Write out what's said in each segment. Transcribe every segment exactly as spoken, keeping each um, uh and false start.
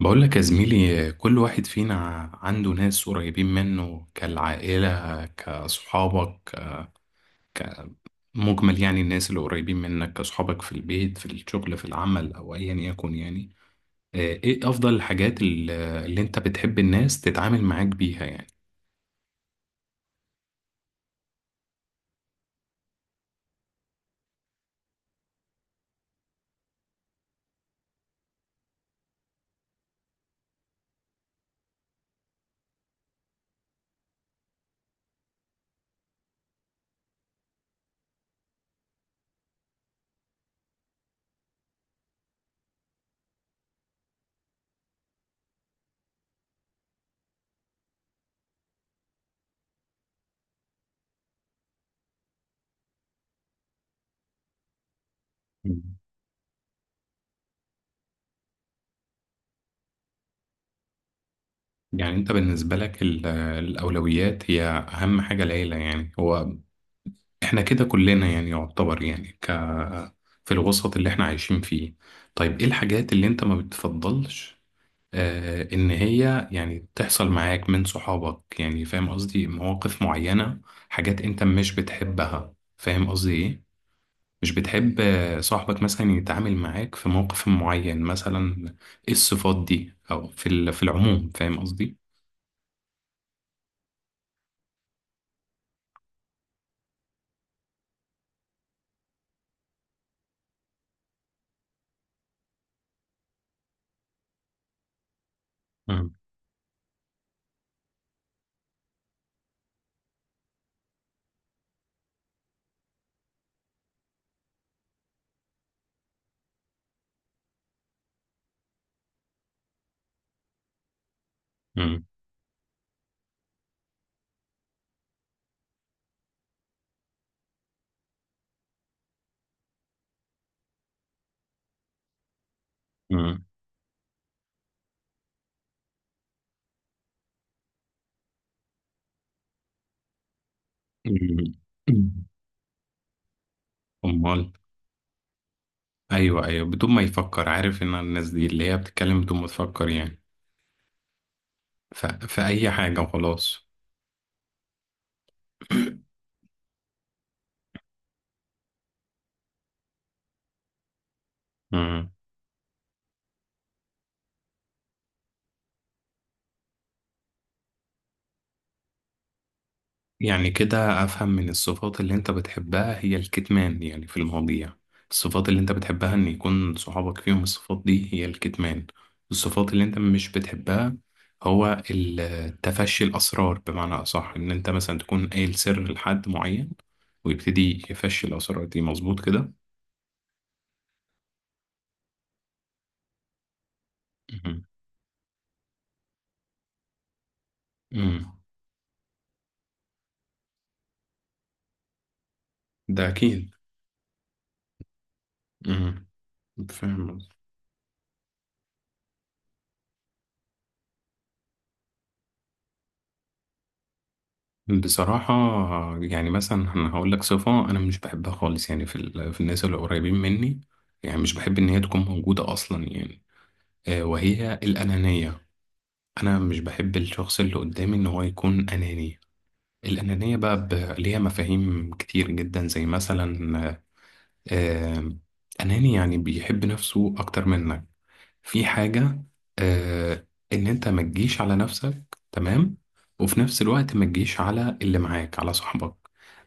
بقول لك يا زميلي، كل واحد فينا عنده ناس قريبين منه كالعائلة، كصحابك، مجمل يعني الناس اللي قريبين منك كصحابك في البيت، في الشغل، في العمل، أو أيا يكن يعني. آه، إيه أفضل الحاجات ال- اللي أنت بتحب الناس تتعامل معاك بيها يعني؟ مم. يعني أنت بالنسبة لك ال- الأولويات هي أهم حاجة العيلة، يعني هو إحنا كده كلنا يعني يعتبر يعني ك في الوسط اللي إحنا عايشين فيه. طيب، إيه الحاجات اللي أنت ما بتفضلش آه، ان هي يعني تحصل معاك من صحابك؟ يعني فاهم قصدي، مواقف معينة، حاجات انت مش بتحبها. فاهم قصدي ايه؟ مش بتحب آه، صاحبك مثلا يتعامل معاك في موقف معين مثلا. ايه الصفات دي، او في ال- في العموم؟ فاهم قصدي. مم. مم. مم. مم. امال. ايوه، ايوه، بدون ما يفكر، عارف ان الناس دي اللي هي بتتكلم بدون ما تفكر يعني ف... في اي حاجة وخلاص. يعني كده أفهم من الصفات اللي أنت بتحبها هي الكتمان يعني في المواضيع. الصفات اللي أنت بتحبها إن يكون صحابك فيهم الصفات دي، هي الكتمان. الصفات اللي أنت مش بتحبها هو ال- تفشي الأسرار، بمعنى أصح إن أنت مثلا تكون قايل سر لحد معين، ويبتدي يفشي الأسرار دي. مظبوط كده. مهم. مم. ده أكيد. مم. فاهم. بصراحة يعني مثلا أنا هقول لك صفة أنا مش بحبها خالص يعني في ال- في الناس اللي قريبين مني، يعني مش بحب إن هي تكون موجودة أصلا يعني، آه، وهي الأنانية. أنا مش بحب الشخص اللي قدامي إن هو يكون أناني. الأنانية بقى ب- ليها مفاهيم كتير جدا، زي مثلا آه، أناني يعني بيحب نفسه أكتر منك في حاجة. آه إن أنت ما تجيش على نفسك، تمام، وفي نفس الوقت ما تجيش على اللي معاك، على صاحبك،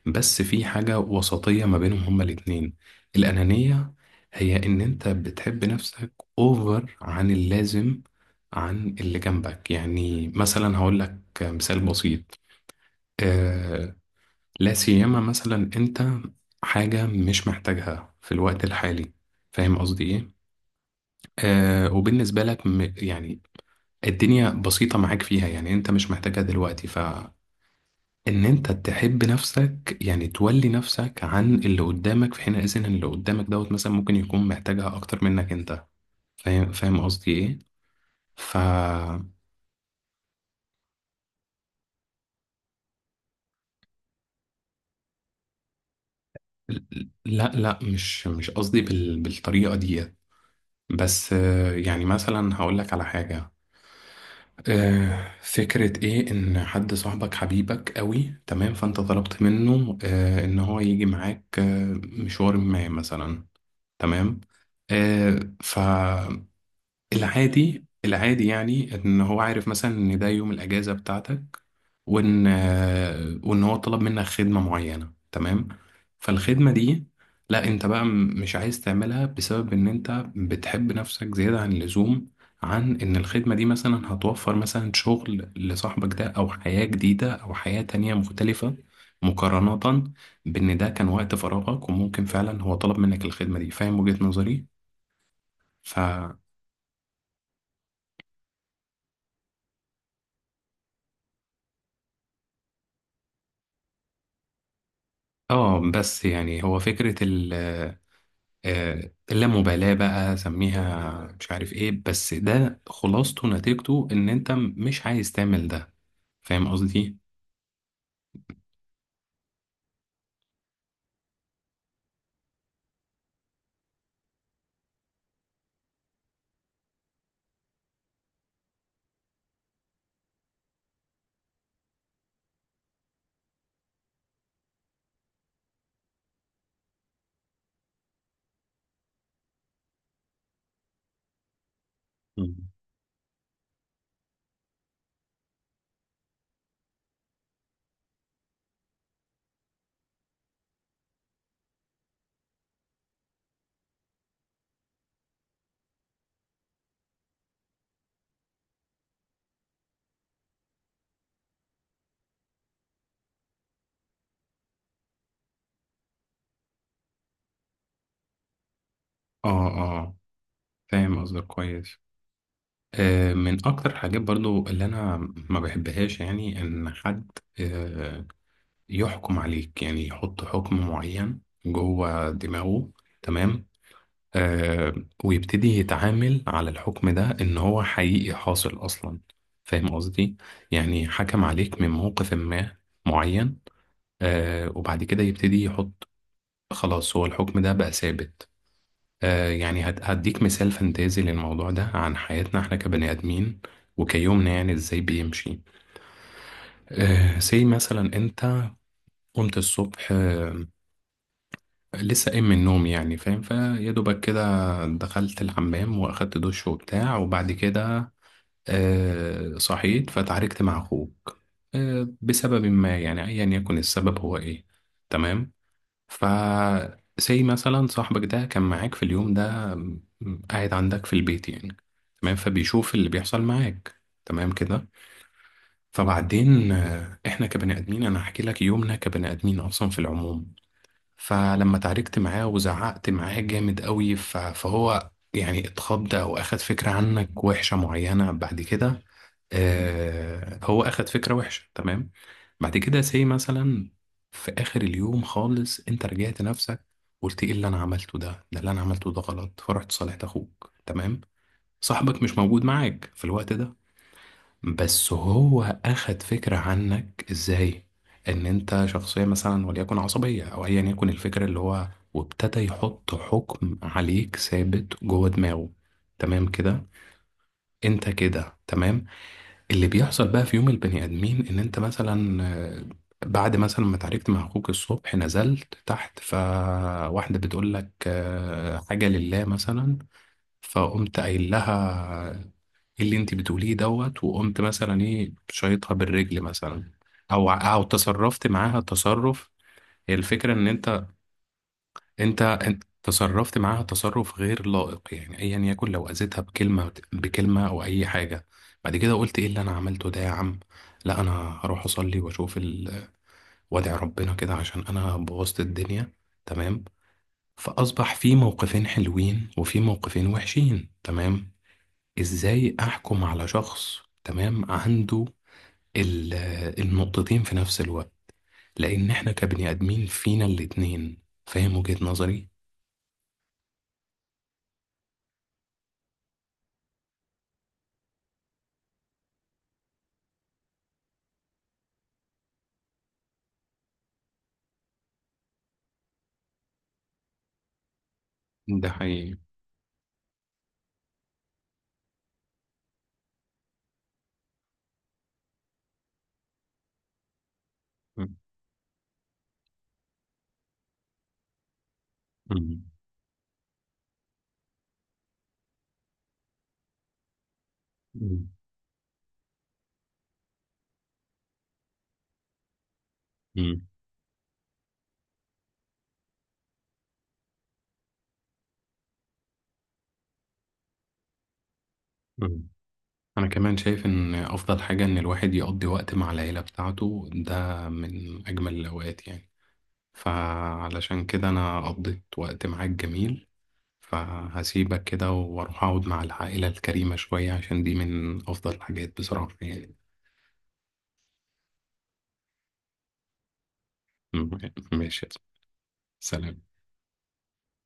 بس في حاجة وسطية ما بينهم هما الاتنين. الأنانية هي إن أنت بتحب نفسك أوفر عن اللازم، عن اللي جنبك. يعني مثلا هقول لك مثال بسيط. آه لا سيما مثلا أنت حاجة مش محتاجها في الوقت الحالي، فاهم قصدي إيه؟ آه وبالنسبة لك م- يعني الدنيا بسيطة معاك فيها، يعني انت مش محتاجها دلوقتي، فان انت تحب نفسك، يعني تولي نفسك عن اللي قدامك، في حين اذن اللي قدامك دوت مثلا ممكن يكون محتاجها اكتر منك انت. فاهم فاهم قصدي ايه؟ ف لا، لا، مش مش قصدي بال... بالطريقة دي. بس آه، يعني مثلا هقول لك على حاجة. آه، فكرة ايه ان حد صاحبك، حبيبك قوي، تمام، فانت طلبت منه آه، ان هو يجي معاك آه، مشوار ما مثلا، تمام. آه فالعادي العادي يعني ان هو عارف مثلا ان ده يوم الاجازه بتاعتك، وان آه، وان هو طلب منك خدمه معينه، تمام. فالخدمه دي لا انت بقى م- مش عايز تعملها، بسبب ان انت بتحب نفسك زياده عن اللزوم، عن ان الخدمه دي مثلا هتوفر مثلا شغل لصاحبك ده، او حياه جديده، او حياه تانية مختلفه، مقارنه بان ده كان وقت فراغك وممكن فعلا هو طلب منك الخدمه دي. فاهم وجهه نظري؟ ف اه بس يعني هو فكرة ال آه، اللامبالاة بقى، سميها مش عارف ايه، بس ده خلاصته نتيجته ان انت م- مش عايز تعمل ده. فاهم قصدي؟ مم. اه، اه، فاهم قصدك كويس. آه، من اكتر حاجات برضو اللي انا ما بحبهاش، يعني ان حد آه، يحكم عليك، يعني يحط حكم معين جوه دماغه، تمام، آه ويبتدي يتعامل على الحكم ده إن هو حقيقي حاصل أصلا. فاهم قصدي؟ يعني حكم عليك من موقف ما معين، آه وبعد كده يبتدي يحط، خلاص هو الحكم ده بقى ثابت. آه يعني هد- هديك مثال فانتازي للموضوع ده عن حياتنا احنا كبني آدمين، وكيومنا يعني ازاي بيمشي. آه سي مثلا انت قمت الصبح، آه لسه قايم من النوم يعني، فاهم فيا دوبك كده، دخلت الحمام واخدت دش وبتاع، وبعد كده آه صحيت، فتعاركت مع أخوك آه بسبب ما يعني، أيا يكن السبب هو إيه، تمام. ف زي مثلا صاحبك ده كان معاك في اليوم ده، م- قاعد عندك في البيت يعني، تمام، فبيشوف اللي بيحصل معاك تمام كده. فبعدين آه، إحنا كبني آدمين، أنا هحكي لك يومنا كبني آدمين أصلا في العموم. فلما تعاركت معاه وزعقت معاه جامد قوي ف- فهو يعني اتخض أو أخد فكرة عنك وحشة معينة بعد كده. آه هو اخد فكرة وحشة، تمام. بعد كده سي مثلا في اخر اليوم خالص انت رجعت نفسك، قلت ايه اللي انا عملته ده، ده اللي انا عملته ده غلط، فرحت صالحت اخوك، تمام. صاحبك مش موجود معاك في الوقت ده، بس هو اخد فكرة عنك ازاي، ان انت شخصية مثلا وليكن عصبية او ايا يكن الفكرة اللي هو، وابتدى يحط حكم عليك ثابت جوه دماغه، تمام كده، انت كده، تمام. اللي بيحصل بقى في يوم البني آدمين إن أنت مثلا، آه، بعد مثلا ما اتعاركت مع أخوك الصبح، نزلت تحت فواحدة بتقول لك آه، حاجة لله مثلا، فقمت قايل لها إيه اللي أنت بتقوليه دوت، وقمت مثلا إيه شايطها بالرجل مثلا، أو أو تصرفت معاها تصرف. هي الفكرة إن أنت انت انت تصرفت معاها تصرف غير لائق، يعني ايا يكن، لو اذيتها بكلمه بكلمه او اي حاجه. بعد كده قلت ايه اللي انا عملته ده يا عم، لا انا هروح اصلي واشوف ال- وادعي ربنا كده عشان انا بوظت الدنيا، تمام. فاصبح في موقفين حلوين وفي موقفين وحشين، تمام. ازاي احكم على شخص تمام عنده ال- النقطتين في نفس الوقت؟ لان احنا كبني ادمين فينا الاتنين. فاهم وجهة نظري؟ ده حقيقي. مم. مم. مم. مم. أنا كمان شايف إن أفضل حاجة إن الواحد يقضي وقت مع العيلة بتاعته، ده من أجمل الأوقات يعني، فعلشان كده أنا قضيت وقت معاك جميل. فهسيبك كده وأروح أقعد مع العائلة الكريمة شوية، عشان دي من أفضل الحاجات بصراحة يعني. مم. ماشي. سلام.